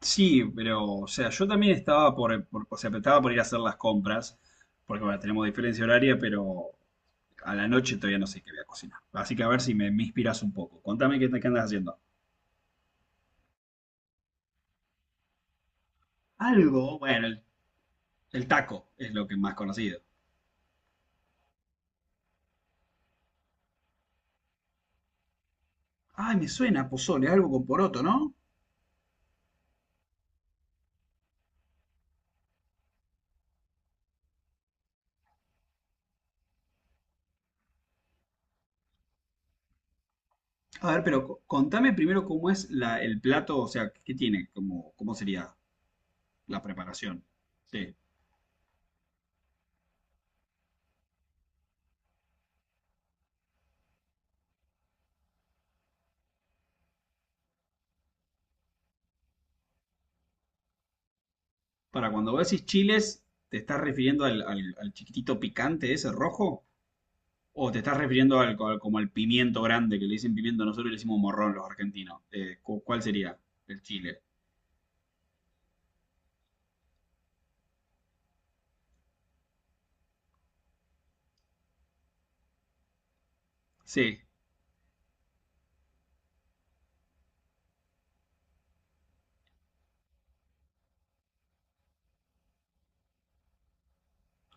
Sí, pero, o sea, yo también estaba por, estaba por ir a hacer las compras, porque bueno, tenemos diferencia horaria, pero a la noche todavía no sé qué voy a cocinar. Así que a ver si me inspiras un poco. Contame qué andas haciendo. Algo, bueno, el taco es lo que más conocido. Ay, me suena pozole, algo con poroto, ¿no? A ver, pero contame primero cómo es el plato, o sea, qué tiene, cómo sería la preparación. Sí. Para cuando vos decís chiles, ¿te estás refiriendo al chiquitito picante ese rojo? O te estás refiriendo al, como al pimiento grande, que le dicen pimiento, nosotros le decimos morrón los argentinos. ¿Cuál sería? El chile. Sí.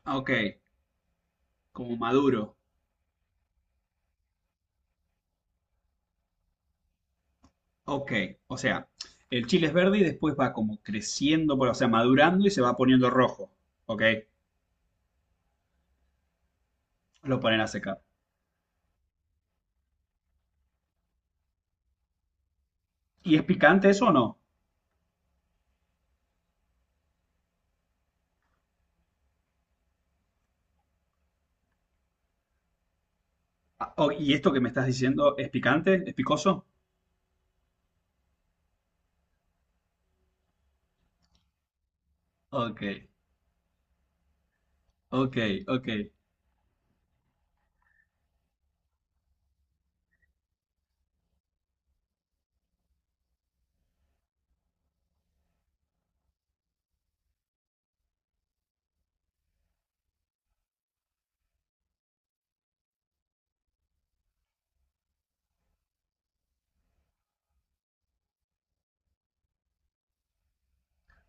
Ah, ok, como maduro. Ok, o sea, el chile es verde y después va como creciendo, o sea, madurando y se va poniendo rojo. Ok, lo ponen a secar. ¿Y es picante eso o no? Ah, oh, ¿y esto que me estás diciendo es picante? ¿Es picoso? Ok, ok, ok.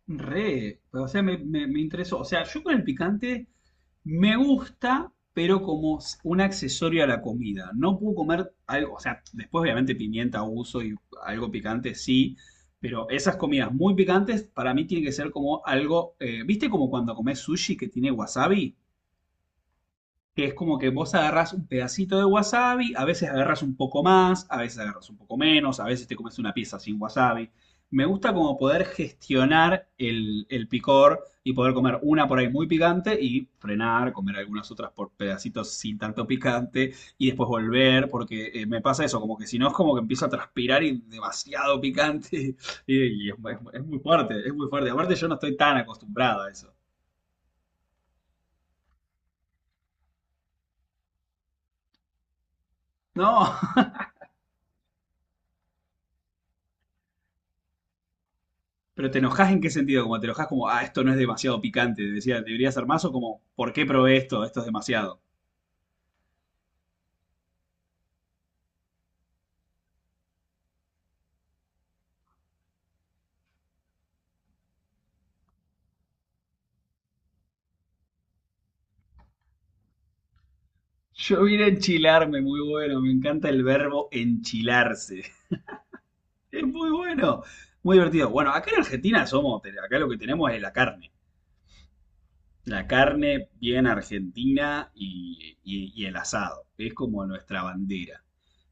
Re, o sea, me interesó. O sea, yo con el picante me gusta, pero como un accesorio a la comida. No puedo comer algo, o sea, después obviamente pimienta uso y algo picante sí, pero esas comidas muy picantes para mí tienen que ser como algo, ¿viste como cuando comes sushi que tiene wasabi? Que es como que vos agarrás un pedacito de wasabi, a veces agarras un poco más, a veces agarras un poco menos, a veces te comes una pieza sin wasabi. Me gusta como poder gestionar el picor y poder comer una por ahí muy picante y frenar, comer algunas otras por pedacitos sin tanto picante y después volver, porque me pasa eso, como que si no es como que empiezo a transpirar y demasiado picante y es muy fuerte, es muy fuerte. Aparte yo no estoy tan acostumbrado a eso. No. Pero te enojas en qué sentido, como te enojas como, ah, esto no es demasiado picante, decía, debería ser más, o como, ¿por qué probé esto? Esto es demasiado. Yo vine a enchilarme, muy bueno, me encanta el verbo enchilarse. Es muy bueno, muy divertido. Bueno, acá en Argentina somos, acá lo que tenemos es la carne. La carne bien argentina y, y el asado. Es como nuestra bandera.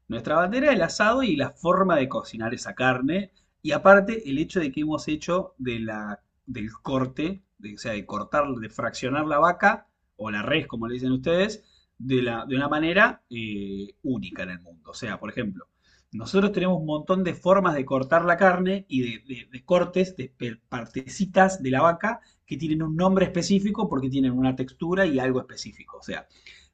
Nuestra bandera el asado y la forma de cocinar esa carne. Y aparte, el hecho de que hemos hecho de del corte, de, o sea, de cortar, de fraccionar la vaca o la res, como le dicen ustedes, de una manera única en el mundo. O sea, por ejemplo, nosotros tenemos un montón de formas de cortar la carne y de cortes, de partecitas de la vaca que tienen un nombre específico porque tienen una textura y algo específico. O sea,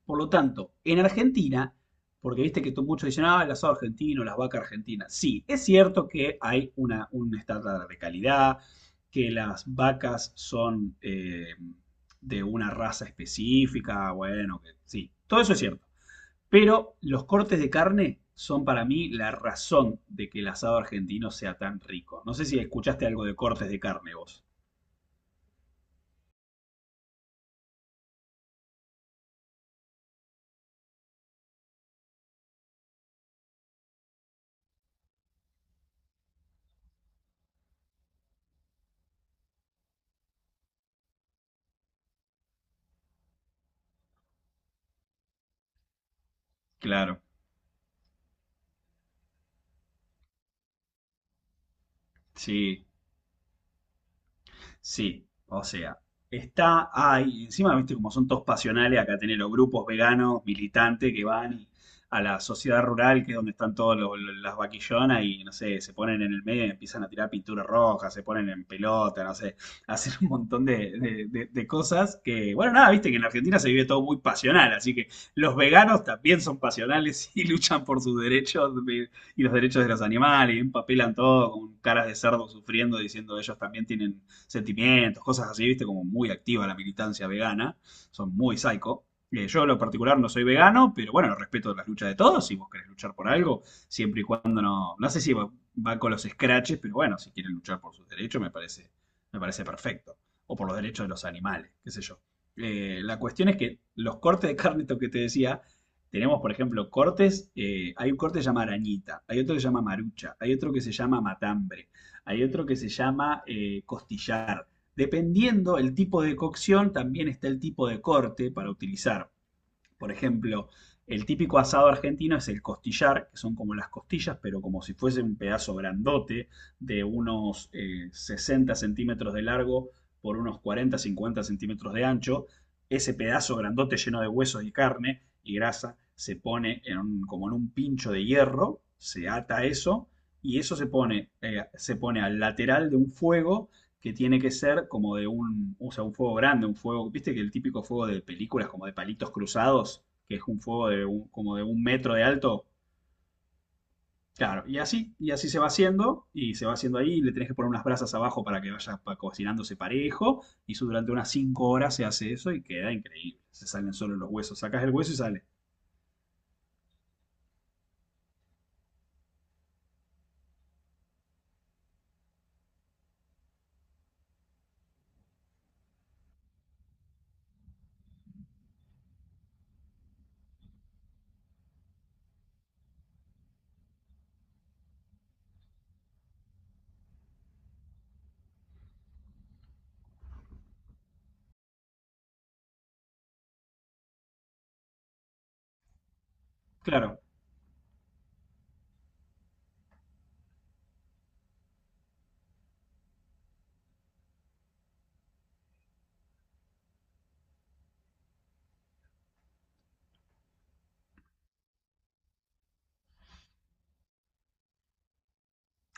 por lo tanto, en Argentina, porque viste que muchos dicen, ah, el asado argentino, las vacas argentinas. Sí, es cierto que hay un estándar de calidad, que las vacas son de una raza específica, bueno, que, sí, todo eso es cierto. Pero los cortes de carne son para mí la razón de que el asado argentino sea tan rico. No sé si escuchaste algo de cortes de carne vos. Claro, sí. Sí, o sea, está ahí. Encima, viste, como son todos pasionales, acá tenés los grupos veganos, militantes que van a la sociedad rural, que es donde están todas las vaquillonas, y no sé, se ponen en el medio y empiezan a tirar pintura roja, se ponen en pelota, no sé, hacen un montón de cosas que, bueno, nada, viste que en la Argentina se vive todo muy pasional, así que los veganos también son pasionales y luchan por sus derechos y los derechos de los animales, y empapelan todo con caras de cerdo sufriendo, diciendo ellos también tienen sentimientos, cosas así, viste, como muy activa la militancia vegana, son muy psycho. Yo en lo particular no soy vegano, pero bueno, respeto las luchas de todos, si vos querés luchar por algo, siempre y cuando no, no sé si va, con los scratches, pero bueno, si quieren luchar por sus derechos me parece perfecto, o por los derechos de los animales, qué sé yo. La cuestión es que los cortes de carne, esto que te decía, tenemos, por ejemplo, cortes. Hay un corte que se llama arañita, hay otro que se llama marucha, hay otro que se llama matambre. Hay otro que se llama costillar. Dependiendo el tipo de cocción, también está el tipo de corte para utilizar. Por ejemplo, el típico asado argentino es el costillar, que son como las costillas, pero como si fuese un pedazo grandote de unos 60 centímetros de largo por unos 40, 50 centímetros de ancho. Ese pedazo grandote lleno de huesos y carne y grasa se pone en como en un pincho de hierro, se ata eso y eso se pone al lateral de un fuego que tiene que ser como de o sea, un fuego grande, un fuego, viste que el típico fuego de películas, como de palitos cruzados, que es un fuego de como de un metro de alto. Claro, y así se va haciendo, y se va haciendo ahí, y le tenés que poner unas brasas abajo para que vaya cocinándose parejo, y eso durante unas 5 horas se hace eso y queda increíble. Se salen solo los huesos, sacás el hueso y sale. Claro.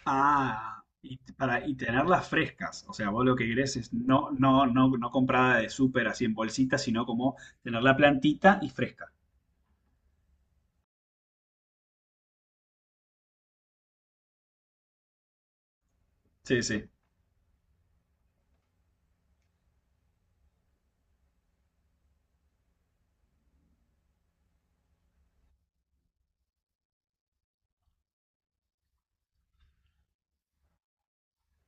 Ah, y tenerlas frescas. O sea, vos lo que querés es no comprada de súper así en bolsitas, sino como tener la plantita y fresca. Sí, sí.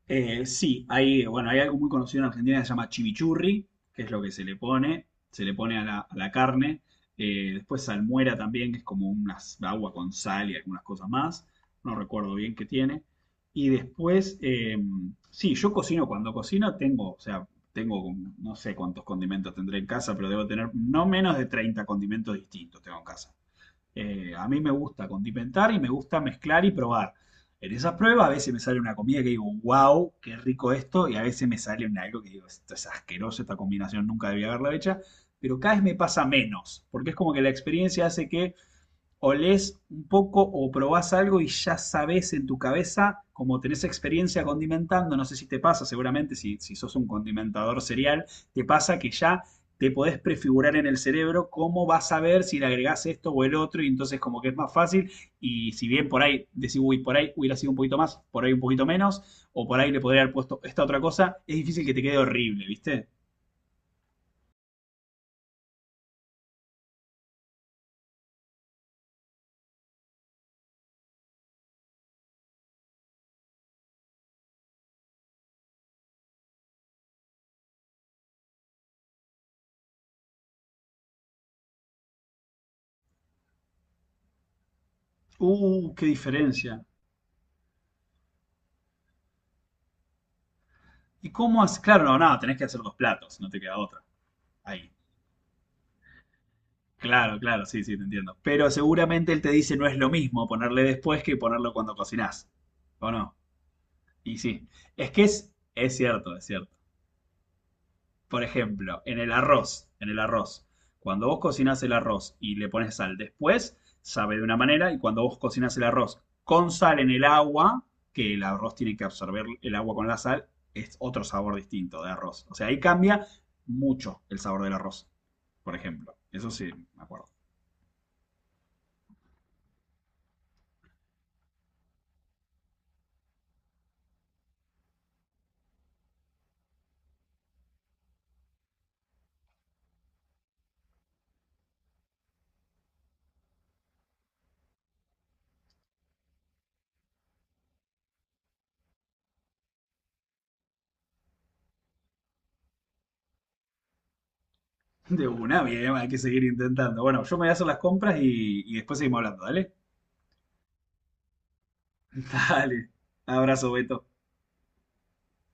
Sí, bueno, hay algo muy conocido en Argentina que se llama chimichurri, que es lo que se le pone a la carne. Después salmuera también, que es como una agua con sal y algunas cosas más. No recuerdo bien qué tiene. Y después, sí, yo cocino. Cuando cocino tengo, o sea, tengo, no sé cuántos condimentos tendré en casa, pero debo tener no menos de 30 condimentos distintos tengo en casa. A mí me gusta condimentar y me gusta mezclar y probar. En esas pruebas a veces me sale una comida que digo, wow, qué rico esto, y a veces me sale un algo que digo, esto es asqueroso, esta combinación nunca debía haberla hecha, pero cada vez me pasa menos, porque es como que la experiencia hace que olés un poco o probás algo y ya sabés en tu cabeza, como tenés experiencia condimentando, no sé si te pasa, seguramente si sos un condimentador serial, te pasa que ya te podés prefigurar en el cerebro cómo vas a ver si le agregás esto o el otro, y entonces como que es más fácil, y si bien por ahí decís, uy, por ahí hubiera sido un poquito más, por ahí un poquito menos, o por ahí le podría haber puesto esta otra cosa, es difícil que te quede horrible, ¿viste? Qué diferencia. ¿Y cómo haces? Claro, no, nada, no, tenés que hacer dos platos, no te queda otra. Ahí. Claro, claro, sí, sí, te entiendo. Pero seguramente él te dice no es lo mismo ponerle después que ponerlo cuando cocinás. ¿O no? Y sí. Es que es cierto, es cierto. Por ejemplo, en el arroz. Cuando vos cocinás el arroz y le pones sal después, sabe de una manera. Y cuando vos cocinás el arroz con sal en el agua, que el arroz tiene que absorber el agua con la sal, es otro sabor distinto de arroz. O sea, ahí cambia mucho el sabor del arroz, por ejemplo. Eso sí, me acuerdo. De una, bien, hay que seguir intentando. Bueno, yo me voy a hacer las compras y después seguimos hablando, ¿dale? Dale. Abrazo, Beto.